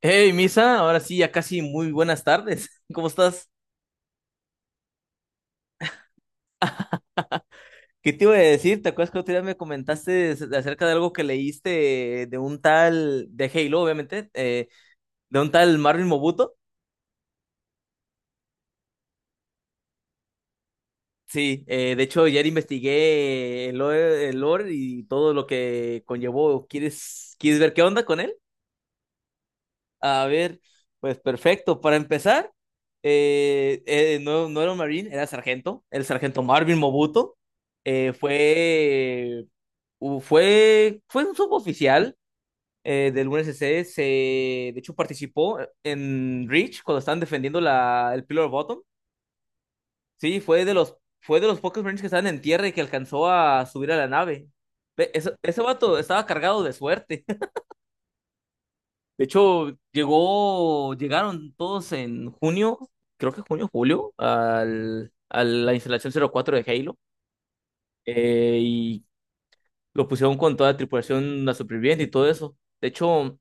Hey, Misa, ahora sí, ya casi muy buenas tardes. ¿Cómo estás? ¿Qué te iba a decir? ¿Te acuerdas que otro día me comentaste acerca de algo que leíste de un tal, de Halo, obviamente, de un tal Marvin Mobuto? Sí, de hecho, ayer investigué el lore y todo lo que conllevó. ¿Quieres ver qué onda con él? A ver, pues perfecto. Para empezar, no, no era un Marine, era sargento, el sargento Marvin Mobuto. Fue fue un suboficial del UNSC. De hecho, participó en Reach cuando estaban defendiendo el Pillar Bottom. Sí, fue de los pocos Marines que estaban en tierra y que alcanzó a subir a la nave. Ese vato estaba cargado de suerte. De hecho, llegaron todos en junio, creo que junio, julio, a la instalación 04 de Halo. Y lo pusieron con toda la tripulación, la superviviente y todo eso. De hecho,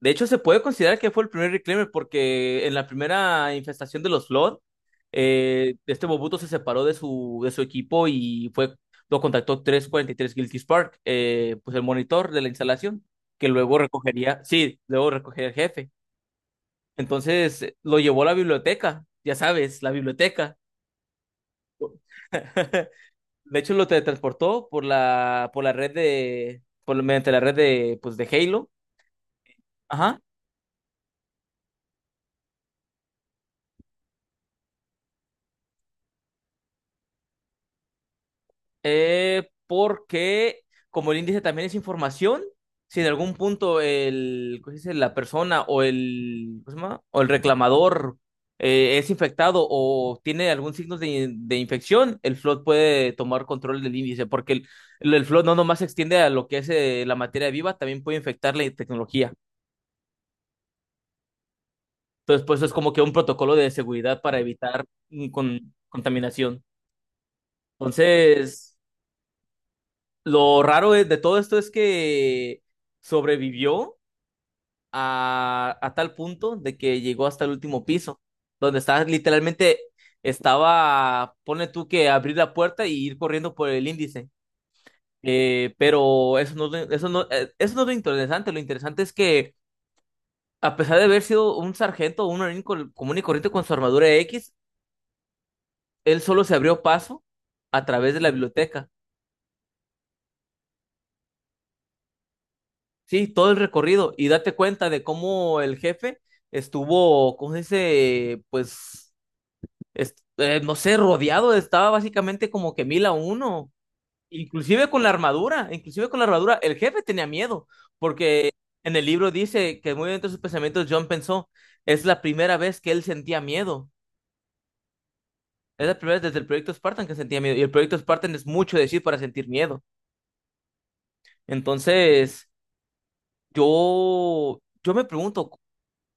De hecho, se puede considerar que fue el primer reclaimer porque en la primera infestación de los Flood, este Bobuto se separó de su equipo lo contactó 343 Guilty Spark, pues el monitor de la instalación, que sí, luego recogería el jefe. Entonces, lo llevó a la biblioteca, ya sabes, la biblioteca. De hecho, lo teletransportó por mediante la red de, pues, de Halo. Ajá. Porque como el índice también es información, si en algún punto el, ¿cómo se dice? La persona o el, ¿cómo se llama? O el reclamador es infectado o tiene algún signo de infección, el flood puede tomar control del índice, porque el flood no nomás se extiende a lo que es la materia viva, también puede infectar la tecnología. Entonces, pues es como que un protocolo de seguridad para evitar contaminación. Entonces, lo raro de todo esto es que sobrevivió a tal punto de que llegó hasta el último piso, donde estaba, pone tú que abrir la puerta y ir corriendo por el índice. Pero eso no es lo interesante es que a pesar de haber sido un sargento o un marín común y corriente con su armadura X, él solo se abrió paso a través de la biblioteca. Sí, todo el recorrido, y date cuenta de cómo el jefe estuvo, ¿cómo se dice? Pues, no sé, rodeado, estaba básicamente como que mil a uno, inclusive con la armadura, inclusive con la armadura, el jefe tenía miedo, porque en el libro dice que muy dentro de sus pensamientos John pensó: es la primera vez que él sentía miedo, es la primera vez desde el proyecto Spartan que sentía miedo, y el proyecto Spartan es mucho decir para sentir miedo. Entonces yo me pregunto,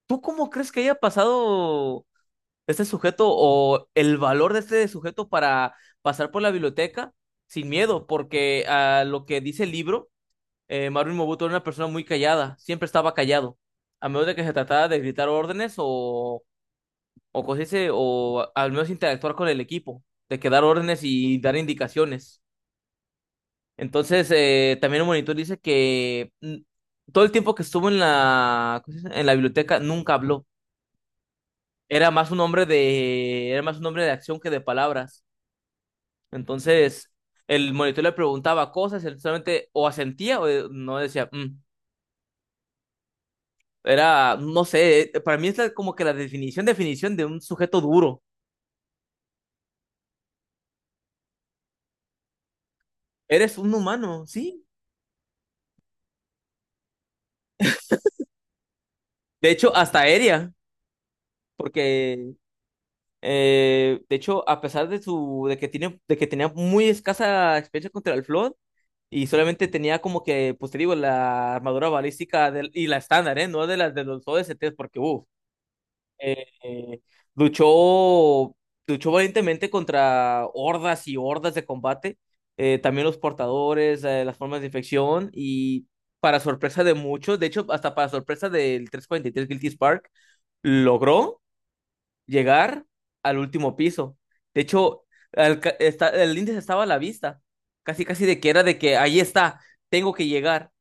¿tú cómo crees que haya pasado este sujeto o el valor de este sujeto para pasar por la biblioteca sin miedo? Porque a lo que dice el libro, Maruin Mobuto era una persona muy callada, siempre estaba callado, a menos de que se tratara de gritar órdenes o, cosas así, o al menos interactuar con el equipo, de que dar órdenes y dar indicaciones. Entonces, también el monitor dice que todo el tiempo que estuvo en la, ¿cómo se dice?, en la biblioteca nunca habló. Era más un hombre de acción que de palabras. Entonces, el monitor le preguntaba cosas, él solamente o asentía o no decía, "Mm". Era, no sé, para mí es como que la definición de un sujeto duro. Eres un humano, sí. De hecho, hasta aérea, porque de hecho, a pesar de su, de que tenía muy escasa experiencia contra el Flood, y solamente tenía como que, pues te digo, la armadura balística y la estándar, ¿eh? No de los OSTs, porque, uff. eh, luchó, valientemente contra hordas y hordas de combate, también los portadores, las formas de infección y, para sorpresa de muchos, de hecho hasta para sorpresa del 343 Guilty Spark, logró llegar al último piso. De hecho, el índice estaba a la vista, casi casi de que era de que ahí está, tengo que llegar.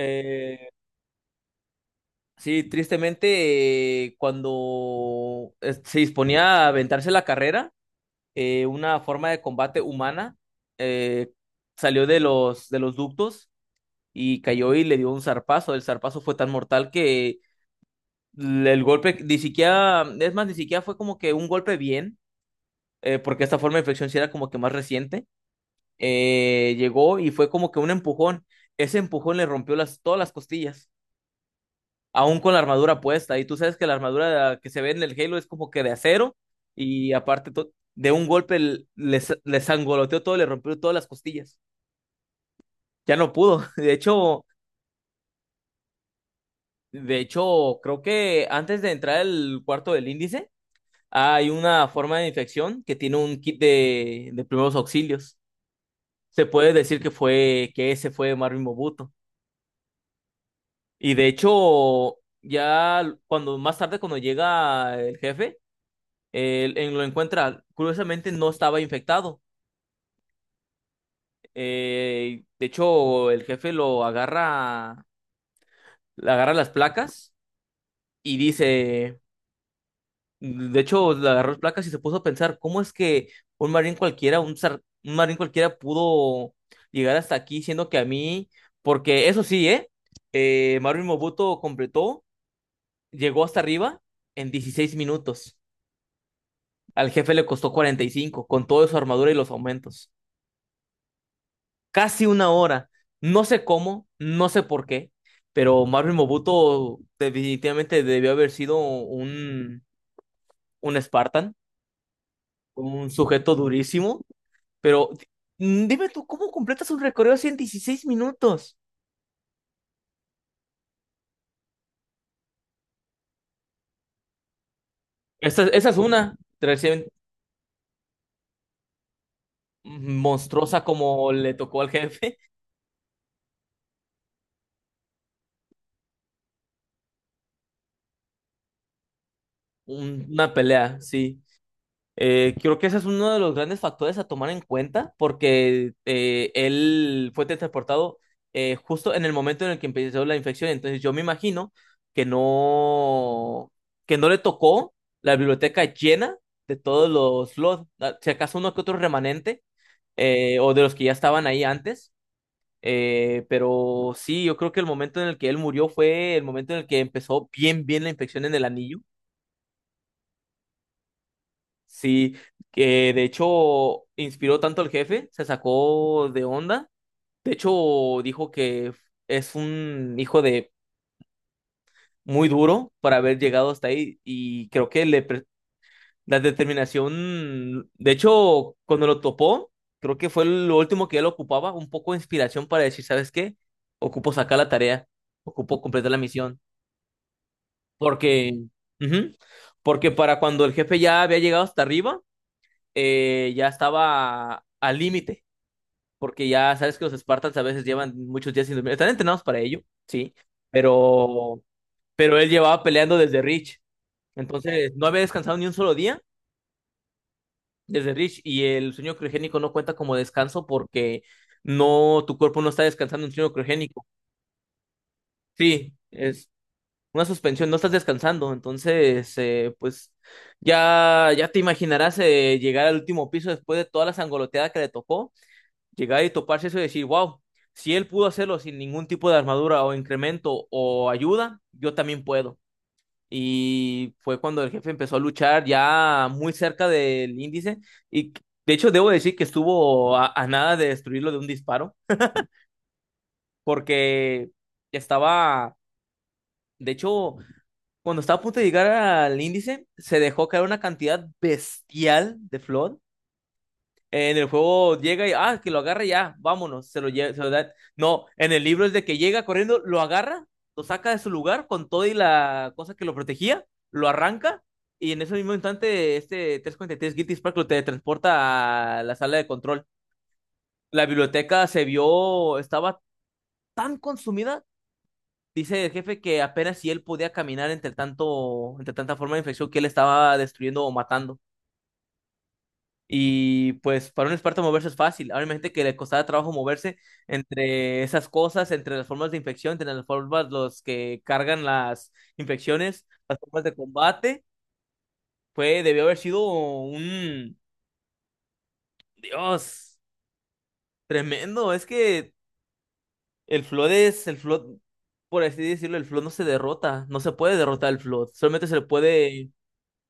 eh, Sí, tristemente, cuando se disponía a aventarse la carrera, una forma de combate humana eh, salió de los ductos y cayó y le dio un zarpazo. El zarpazo fue tan mortal que el golpe ni siquiera, es más, ni siquiera fue como que un golpe bien, porque esta forma de infección sí era como que más reciente. Llegó y fue como que un empujón. Ese empujón le rompió todas las costillas, aún con la armadura puesta. Y tú sabes que la armadura que se ve en el Halo es como que de acero y aparte de un golpe les sangoloteó todo, le rompió todas las costillas. Ya no pudo. De hecho, creo que antes de entrar al cuarto del índice, hay una forma de infección que tiene un kit de primeros auxilios. Se puede decir que ese fue Marvin Mobuto. Y, de hecho, ya cuando más tarde, cuando llega el jefe, él lo encuentra, curiosamente no estaba infectado. De hecho, el jefe lo agarra, le agarra las placas y dice, de hecho, le agarró las placas y se puso a pensar: ¿cómo es que un marín cualquiera, un marín cualquiera pudo llegar hasta aquí, siendo que a mí? Porque eso sí, ¿eh? Marin Mobuto llegó hasta arriba en 16 minutos. Al jefe le costó 45, con toda su armadura y los aumentos. Casi una hora. No sé cómo, no sé por qué, pero Marvin Mobuto definitivamente debió haber sido un Spartan, un sujeto durísimo, pero dime tú, ¿cómo completas un recorrido así en 16 minutos? Esa es una recién monstruosa como le tocó al jefe, una pelea, sí. Creo que ese es uno de los grandes factores a tomar en cuenta, porque él fue transportado justo en el momento en el que empezó la infección. Entonces yo me imagino que no, que no le tocó la biblioteca llena de todos los Lord. Ah, si acaso uno que otro remanente, o de los que ya estaban ahí antes. Pero sí, yo creo que el momento en el que él murió fue el momento en el que empezó bien, bien la infección en el anillo. Sí, que de hecho inspiró tanto al jefe, se sacó de onda. De hecho, dijo que es un hijo de muy duro para haber llegado hasta ahí, y creo que la determinación, de hecho, cuando lo topó, creo que fue lo último que él ocupaba, un poco de inspiración para decir, ¿sabes qué? Ocupo sacar la tarea, ocupo completar la misión. Porque, ujú, porque para cuando el jefe ya había llegado hasta arriba, ya estaba al límite, porque ya sabes que los Spartans a veces llevan muchos días sin dormir. Están entrenados para ello, sí, pero, pero él llevaba peleando desde Rich. Entonces, no había descansado ni un solo día desde Rich, y el sueño criogénico no cuenta como descanso porque no, tu cuerpo no está descansando en un sueño criogénico. Sí, es una suspensión, no estás descansando. Entonces, pues ya te imaginarás, llegar al último piso después de toda la sangoloteada que le tocó, llegar y toparse eso y decir, wow, si él pudo hacerlo sin ningún tipo de armadura o incremento o ayuda, yo también puedo. Y fue cuando el jefe empezó a luchar ya muy cerca del índice, y de hecho debo decir que estuvo a nada de destruirlo de un disparo, porque estaba, de hecho, cuando estaba a punto de llegar al índice, se dejó caer una cantidad bestial de Flood. En el juego llega y, ah, que lo agarra y ya, vámonos, se lo lleva, se lo da. No, en el libro es de que llega corriendo, lo agarra, lo saca de su lugar con todo y la cosa que lo protegía, lo arranca, y en ese mismo instante, este 343 Guilty Spark lo teletransporta a la sala de control. La biblioteca se vio, estaba tan consumida, dice el jefe, que apenas si él podía caminar entre tanto, entre tanta forma de infección que él estaba destruyendo o matando. Y pues para un experto moverse es fácil. Ahora imagínate que le costaba trabajo moverse entre esas cosas, entre las formas de infección, entre las formas los que cargan las infecciones, las formas de combate. Fue, debió haber sido un Dios tremendo. Es que el Flood es el Flood, por así decirlo, el Flood no se derrota, no se puede derrotar el Flood, solamente se le puede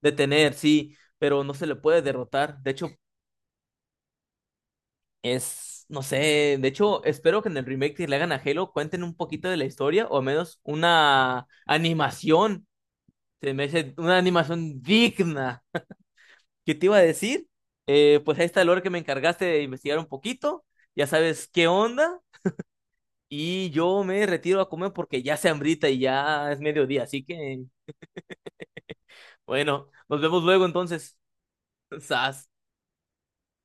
detener, sí, pero no se le puede derrotar. De hecho, no sé, de hecho, espero que en el remake que le hagan a Halo cuenten un poquito de la historia, o al menos una animación; se me hace una animación digna. ¿Qué te iba a decir? Pues ahí está el lore que me encargaste de investigar un poquito, ya sabes qué onda, y yo me retiro a comer porque ya se hambrita y ya es mediodía, así que bueno, nos vemos luego entonces. Sas.